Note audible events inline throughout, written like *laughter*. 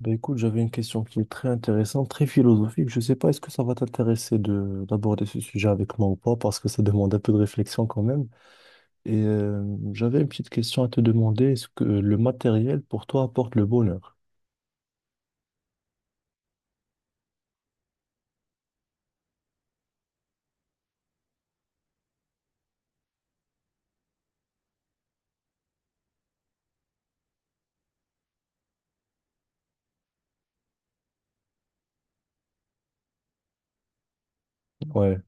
Ben écoute, j'avais une question qui est très intéressante, très philosophique. Je sais pas, est-ce que ça va t'intéresser de d'aborder ce sujet avec moi ou pas, parce que ça demande un peu de réflexion quand même. Et euh, J'avais une petite question à te demander, est-ce que le matériel pour toi apporte le bonheur? Ouais,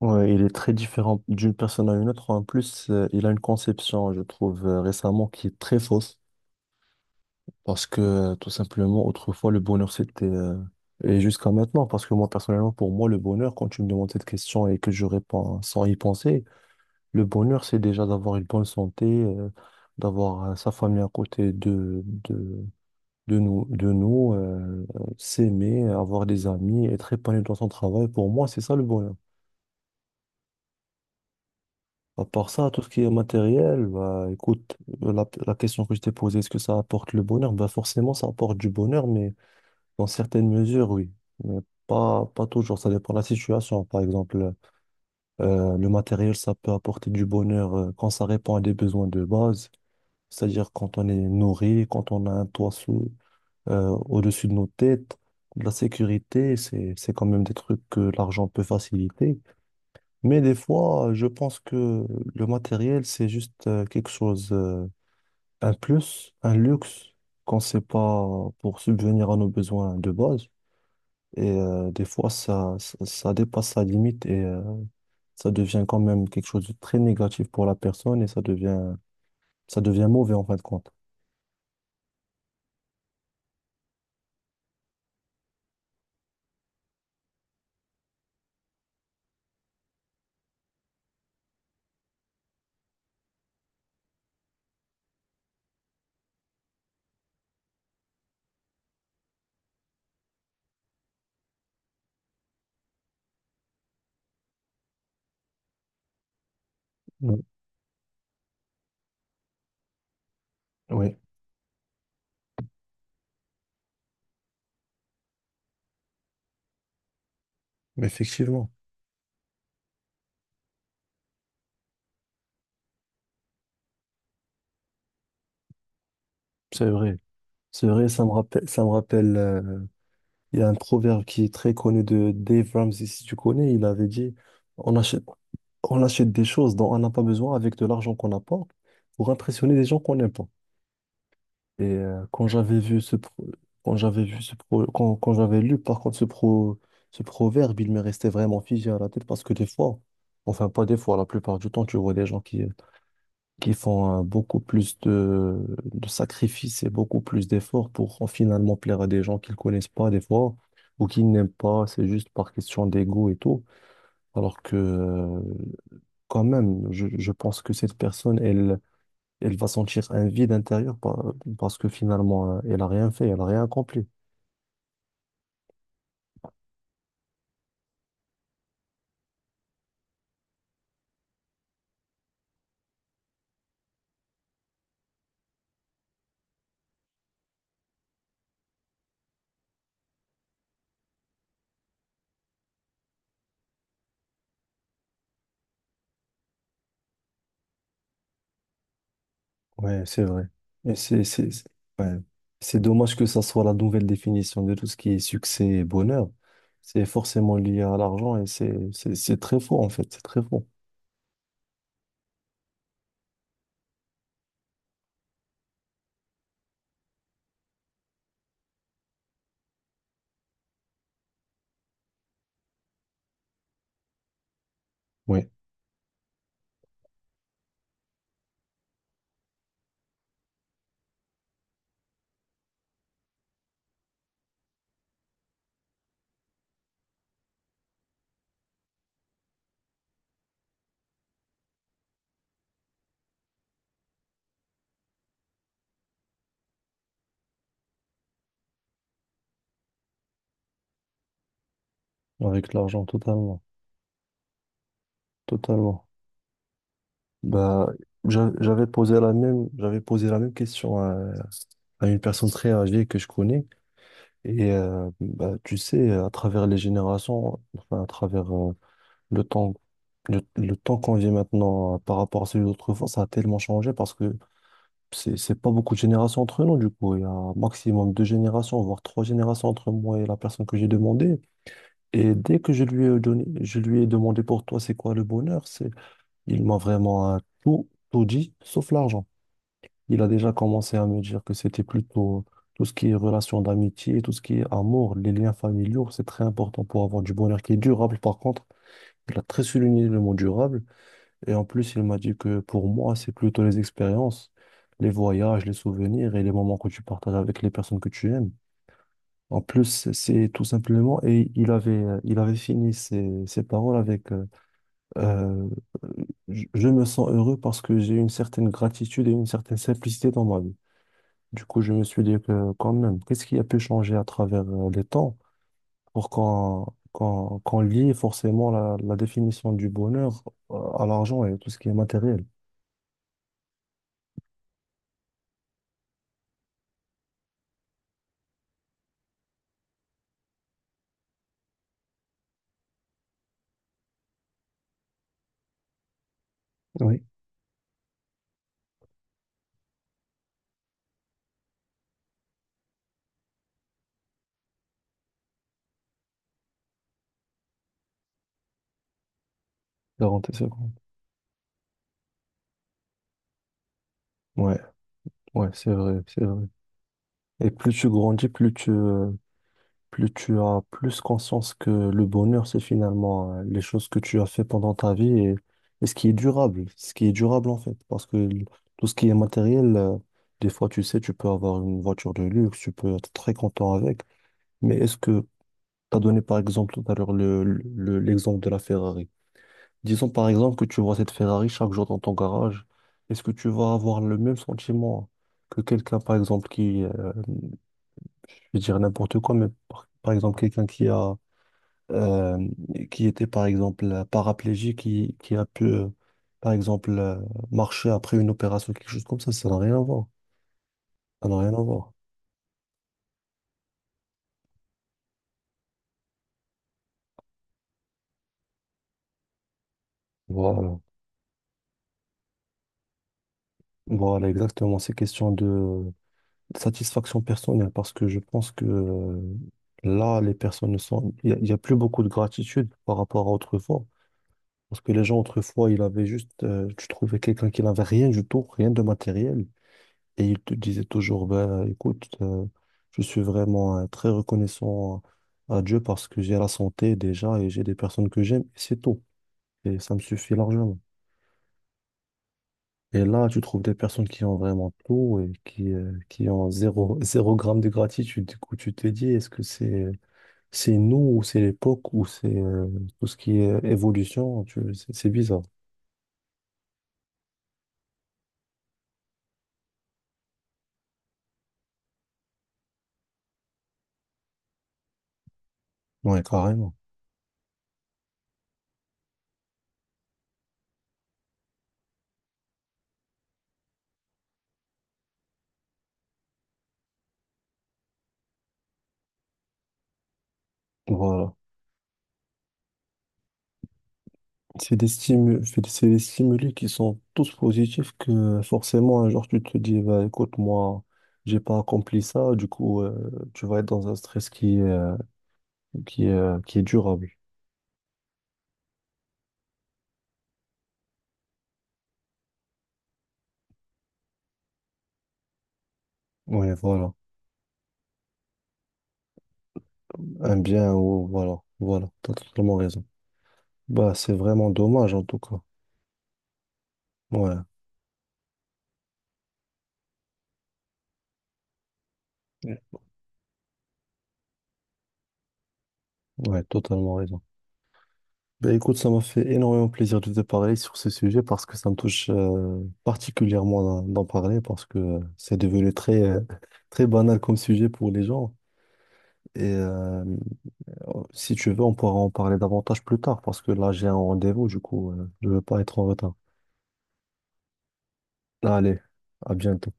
ouais, il est très différent d'une personne à une autre. En plus, il a une conception, je trouve, récemment qui est très fausse, parce que tout simplement, autrefois, le bonheur, c'était et jusqu'à maintenant. Parce que moi, personnellement, pour moi, le bonheur, quand tu me demandes cette question et que je réponds sans y penser, le bonheur, c'est déjà d'avoir une bonne santé, d'avoir sa famille à côté de nous, s'aimer, avoir des amis, être épanoui dans son travail. Pour moi, c'est ça le bonheur. À part ça, tout ce qui est matériel, bah, écoute, la question que je t'ai posée, est-ce que ça apporte le bonheur? Bah, forcément, ça apporte du bonheur, mais dans certaines mesures, oui. Mais pas toujours, ça dépend de la situation. Par exemple, le matériel, ça peut apporter du bonheur quand ça répond à des besoins de base. C'est-à-dire quand on est nourri, quand on a un toit sous, au-dessus de nos têtes, de la sécurité. C'est quand même des trucs que l'argent peut faciliter. Mais des fois, je pense que le matériel, c'est juste quelque chose, un plus, un luxe, qu'on ne sait pas pour subvenir à nos besoins de base. Des fois, ça dépasse la limite et ça devient quand même quelque chose de très négatif pour la personne et ça devient mauvais en fin de compte. Oui, oui, effectivement, c'est vrai. C'est vrai, ça me rappelle, il y a un proverbe qui est très connu de Dave Ramsey, si tu connais. Il avait dit, on achète, on achète des choses dont on n'a pas besoin avec de l'argent qu'on n'a pas pour impressionner des gens qu'on n'aime pas. Quand j'avais vu ce pro- quand j'avais vu ce pro- quand, quand j'avais lu par contre ce ce proverbe, il me restait vraiment figé à la tête parce que des fois, enfin pas des fois, la plupart du temps, tu vois des gens qui font beaucoup plus de sacrifices et beaucoup plus d'efforts pour finalement plaire à des gens qu'ils connaissent pas des fois ou qu'ils n'aiment pas, c'est juste par question d'ego et tout, alors que quand même, je pense que cette personne, elle va sentir un vide intérieur parce que finalement, elle a rien fait, elle a rien accompli. Ouais, c'est vrai. Et ouais. C'est dommage que ça soit la nouvelle définition de tout ce qui est succès et bonheur. C'est forcément lié à l'argent et c'est très faux en fait, c'est très faux. Oui, avec l'argent, totalement, totalement. Bah, j'avais posé la même question à une personne très âgée que je connais. Bah, tu sais, à travers les générations, enfin, à travers le temps, le temps qu'on vit maintenant par rapport à celui d'autrefois, ça a tellement changé parce que c'est pas beaucoup de générations entre nous, du coup. Il y a un maximum deux générations, voire trois générations entre moi et la personne que j'ai demandé. Et dès que je lui ai donné, je lui ai demandé pour toi, c'est quoi le bonheur, c'est, il m'a vraiment tout dit, sauf l'argent. Il a déjà commencé à me dire que c'était plutôt tout ce qui est relation d'amitié, tout ce qui est amour, les liens familiaux, c'est très important pour avoir du bonheur qui est durable. Par contre, il a très souligné le mot durable. Et en plus, il m'a dit que pour moi, c'est plutôt les expériences, les voyages, les souvenirs et les moments que tu partages avec les personnes que tu aimes. En plus, c'est tout simplement, et il avait fini ses, ses paroles avec euh, je me sens heureux parce que j'ai une certaine gratitude et une certaine simplicité dans ma vie. Du coup, je me suis dit que quand même, qu'est-ce qui a pu changer à travers les temps pour qu'on lie forcément la définition du bonheur à l'argent et tout ce qui est matériel? Oui, 40 secondes. Ouais, ouais, c'est vrai, c'est vrai. Et plus tu grandis, plus tu as plus conscience que le bonheur, c'est finalement les choses que tu as fait pendant ta vie et ce qui est durable, ce qui est durable en fait. Parce que tout ce qui est matériel, des fois, tu sais, tu peux avoir une voiture de luxe, tu peux être très content avec. Mais est-ce que tu as donné par exemple tout à l'heure l'exemple de la Ferrari? Disons par exemple que tu vois cette Ferrari chaque jour dans ton garage. Est-ce que tu vas avoir le même sentiment que quelqu'un, par exemple, qui, je vais dire n'importe quoi, mais par exemple, quelqu'un qui a euh, qui était par exemple paraplégique, qui a pu, par exemple, marcher après une opération, quelque chose comme ça n'a rien à voir. Ça n'a rien à voir. Voilà. Voilà, exactement. C'est question de satisfaction personnelle parce que je pense que là, les personnes ne sont. Il y a plus beaucoup de gratitude par rapport à autrefois. Parce que les gens, autrefois, ils avaient juste. Tu trouvais quelqu'un qui n'avait rien du tout, rien de matériel. Et il te disait toujours, ben, écoute, je suis vraiment très reconnaissant à Dieu parce que j'ai la santé déjà et j'ai des personnes que j'aime, et c'est tout. Et ça me suffit largement. Et là, tu trouves des personnes qui ont vraiment tout et qui ont zéro, *laughs* zéro gramme de gratitude. Du coup, tu te dis, est-ce que c'est nous ou c'est l'époque ou c'est tout ce qui est évolution? C'est bizarre. Ouais, carrément. Voilà. C'est des stimuli qui sont tous positifs que forcément un jour tu te dis bah, écoute moi j'ai pas accompli ça du coup tu vas être dans un stress qui est, qui est durable. Ouais voilà. Un bien ou voilà, voilà, t'as totalement raison. Bah c'est vraiment dommage en tout cas. Ouais, ouais, totalement raison. Ben écoute, ça m'a fait énormément plaisir de te parler sur ce sujet parce que ça me touche particulièrement d'en parler parce que c'est devenu très, très banal comme sujet pour les gens. Et euh, si tu veux, on pourra en parler davantage plus tard parce que là, j'ai un rendez-vous, du coup, je ne veux pas être en retard. Allez, à bientôt.